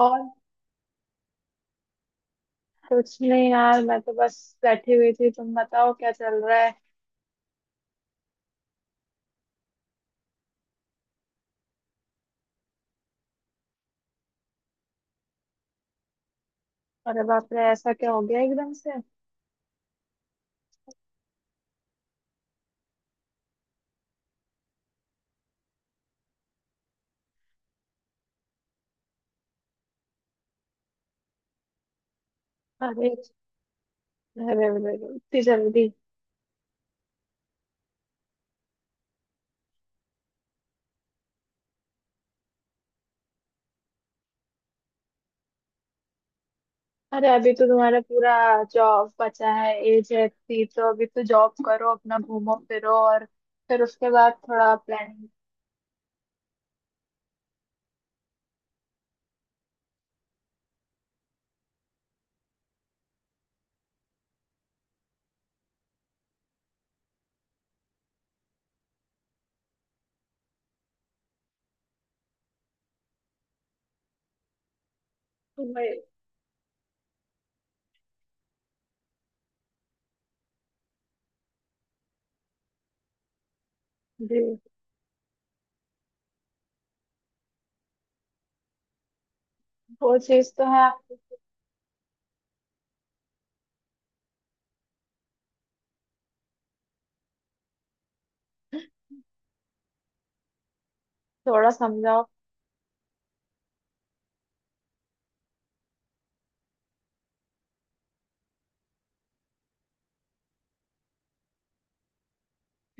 और कुछ नहीं यार, मैं तो बस बैठी हुई थी। तुम बताओ क्या चल रहा है। अरे बाप रे, ऐसा क्या हो गया एकदम से। अरे अरे अरे, इतनी जल्दी। अरे अभी तो तुम्हारा पूरा जॉब बचा है, एज है इतनी। तो अभी तो जॉब करो, अपना घूमो फिरो, और फिर उसके बाद थोड़ा प्लानिंग। जी, वो चीज तो है आप। थोड़ा समझाओ।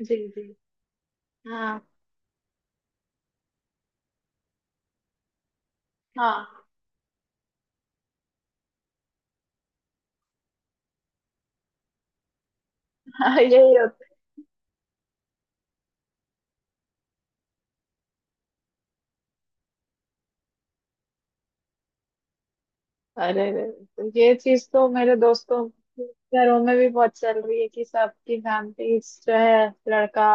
जी जी, हाँ हाँ। यही। अरे रे, तो ये चीज तो मेरे दोस्तों के घरों में भी बहुत चल रही है कि सबकी फैमिलीज जो है लड़का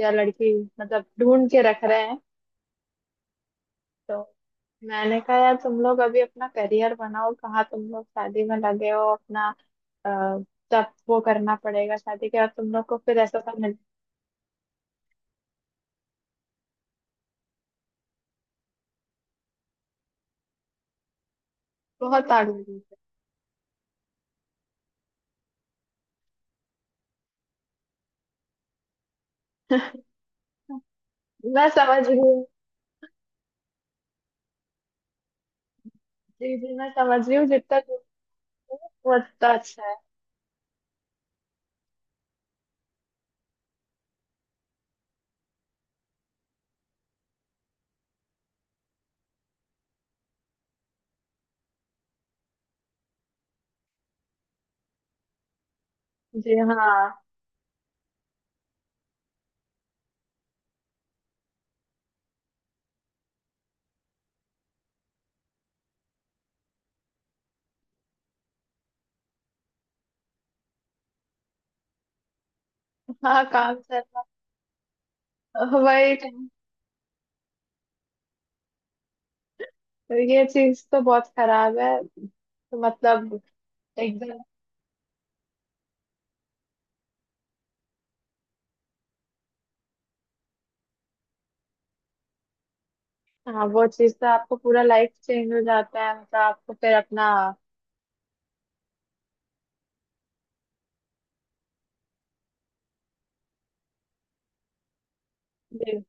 या लड़की मतलब ढूंढ के रख रहे हैं। तो मैंने कहा यार, तुम लोग अभी अपना करियर बनाओ, कहाँ तुम लोग शादी में लगे हो अपना। अ, सब वो करना पड़ेगा शादी के बाद। तुम लोग को फिर ऐसा सब मिल बहुत आगे बढ़ोगे। मैं समझ रही हूँ। जी जी, मैं समझ रही हूँ, जितना दूर हो, उतना अच्छा है। जी हाँ, हाँ काम सर। वही, तो ये चीज तो बहुत खराब है। तो मतलब एकदम। हाँ, वो चीज तो आपको पूरा लाइफ चेंज हो जाता है, मतलब आपको फिर अपना। जी।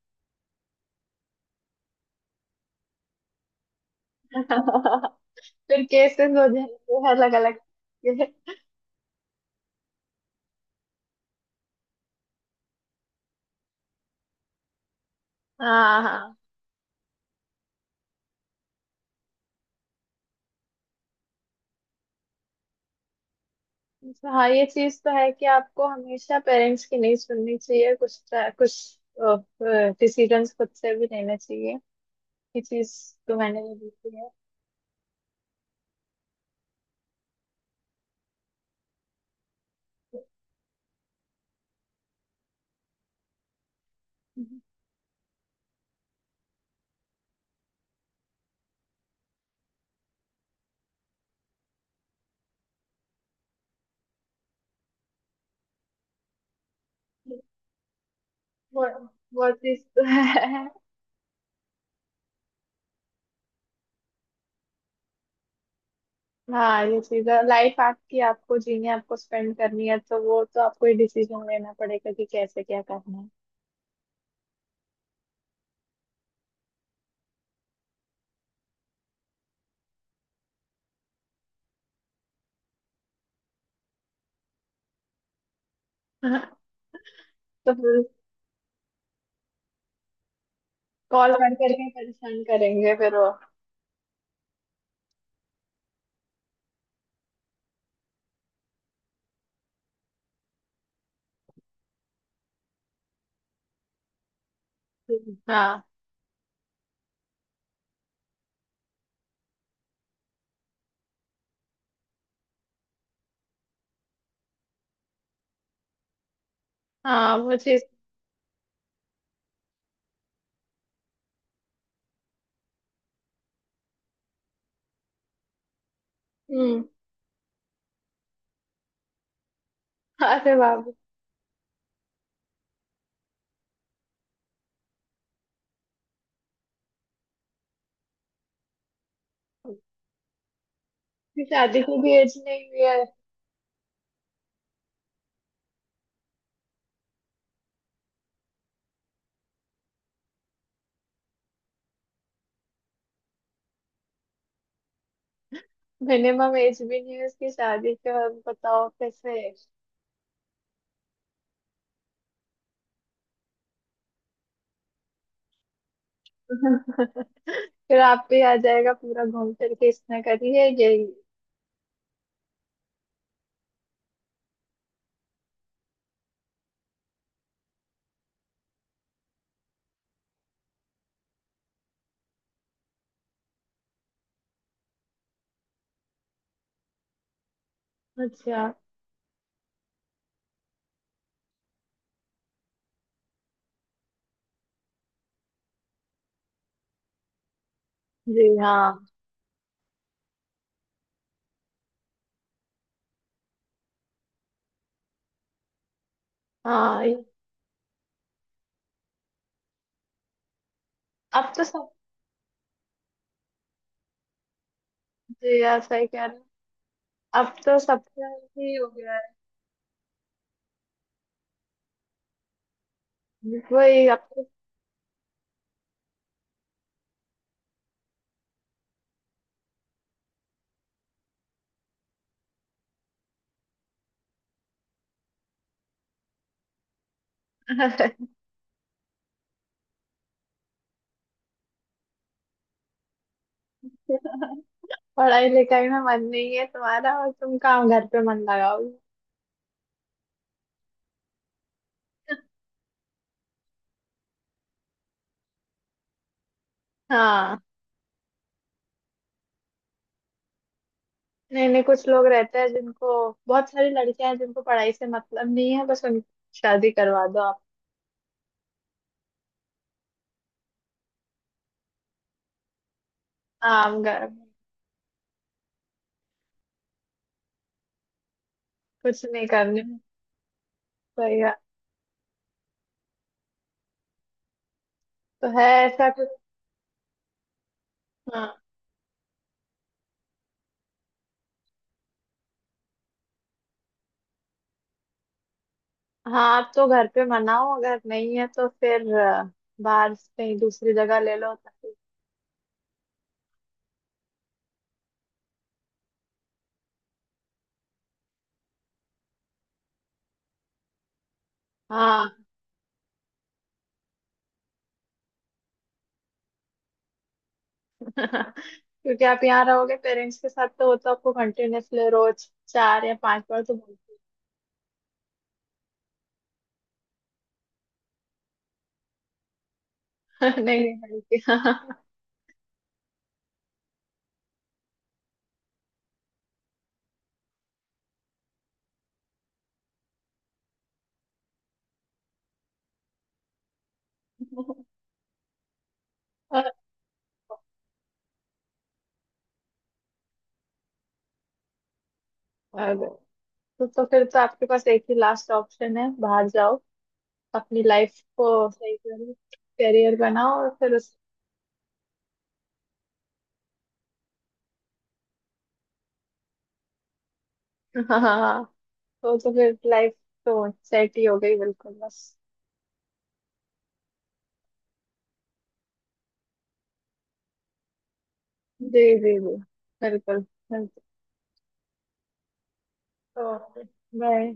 फिर केसेस हो जाएंगे अलग अलग। हाँ हाँ। तो हाँ, ये चीज तो है कि आपको हमेशा पेरेंट्स की नहीं सुननी चाहिए। कुछ कुछ डिसीजंस खुद से भी लेना चाहिए। ये चीज तो मैंने भी देखी है। वो वो चीज तो है। हाँ, ये चीज है, लाइफ आपकी, आपको जीनी है, आपको स्पेंड करनी है। तो वो तो आपको ही डिसीजन लेना पड़ेगा कि कैसे क्या करना है। हाँ, तो फिर कॉल कर करके परेशान करेंगे फिर वो। हाँ हाँ, वो चीज। हम्म। अरे बाप रे, उसकी शादी की भी एज नहीं हुई है। मिनिमम एज भी नहीं है उसकी शादी के, और बताओ कैसे। फिर आप भी आ जाएगा, पूरा घूम फिर के इसने करी है यही। अच्छा। जी हाँ हाँ। अब तो सब। जी हाँ, सही कह रहे हैं। अब तो सबका ही हो गया है। वही अब तो। पढ़ाई लिखाई में मन नहीं है तुम्हारा और तुम काम घर पे मन लगाओगे। हाँ, नहीं नहीं, कुछ लोग रहते हैं जिनको, बहुत सारी लड़कियां हैं जिनको पढ़ाई से मतलब नहीं है, बस उनकी शादी करवा दो आप। आम घर में कुछ नहीं करने में। सही है। तो है ऐसा कुछ। हाँ हाँ, आप तो घर पे मनाओ, अगर नहीं है तो फिर बाहर से कहीं दूसरी जगह ले लो ताकि। हाँ। क्योंकि आप यहाँ रहोगे पेरेंट्स के साथ तो वो तो आपको कंटिन्यूअसली रोज चार या पांच बार तो बोलते। नहीं नहीं बोलती। और- अरे, तो फिर तो आपके पास एक ही लास्ट ऑप्शन है, बाहर जाओ, अपनी लाइफ को सही करो, करियर बनाओ और फिर उस। हाँ, तो फिर लाइफ तो सेट ही हो गई बिल्कुल बस। जी जी जी, बिल्कुल बिल्कुल। Okay, bye.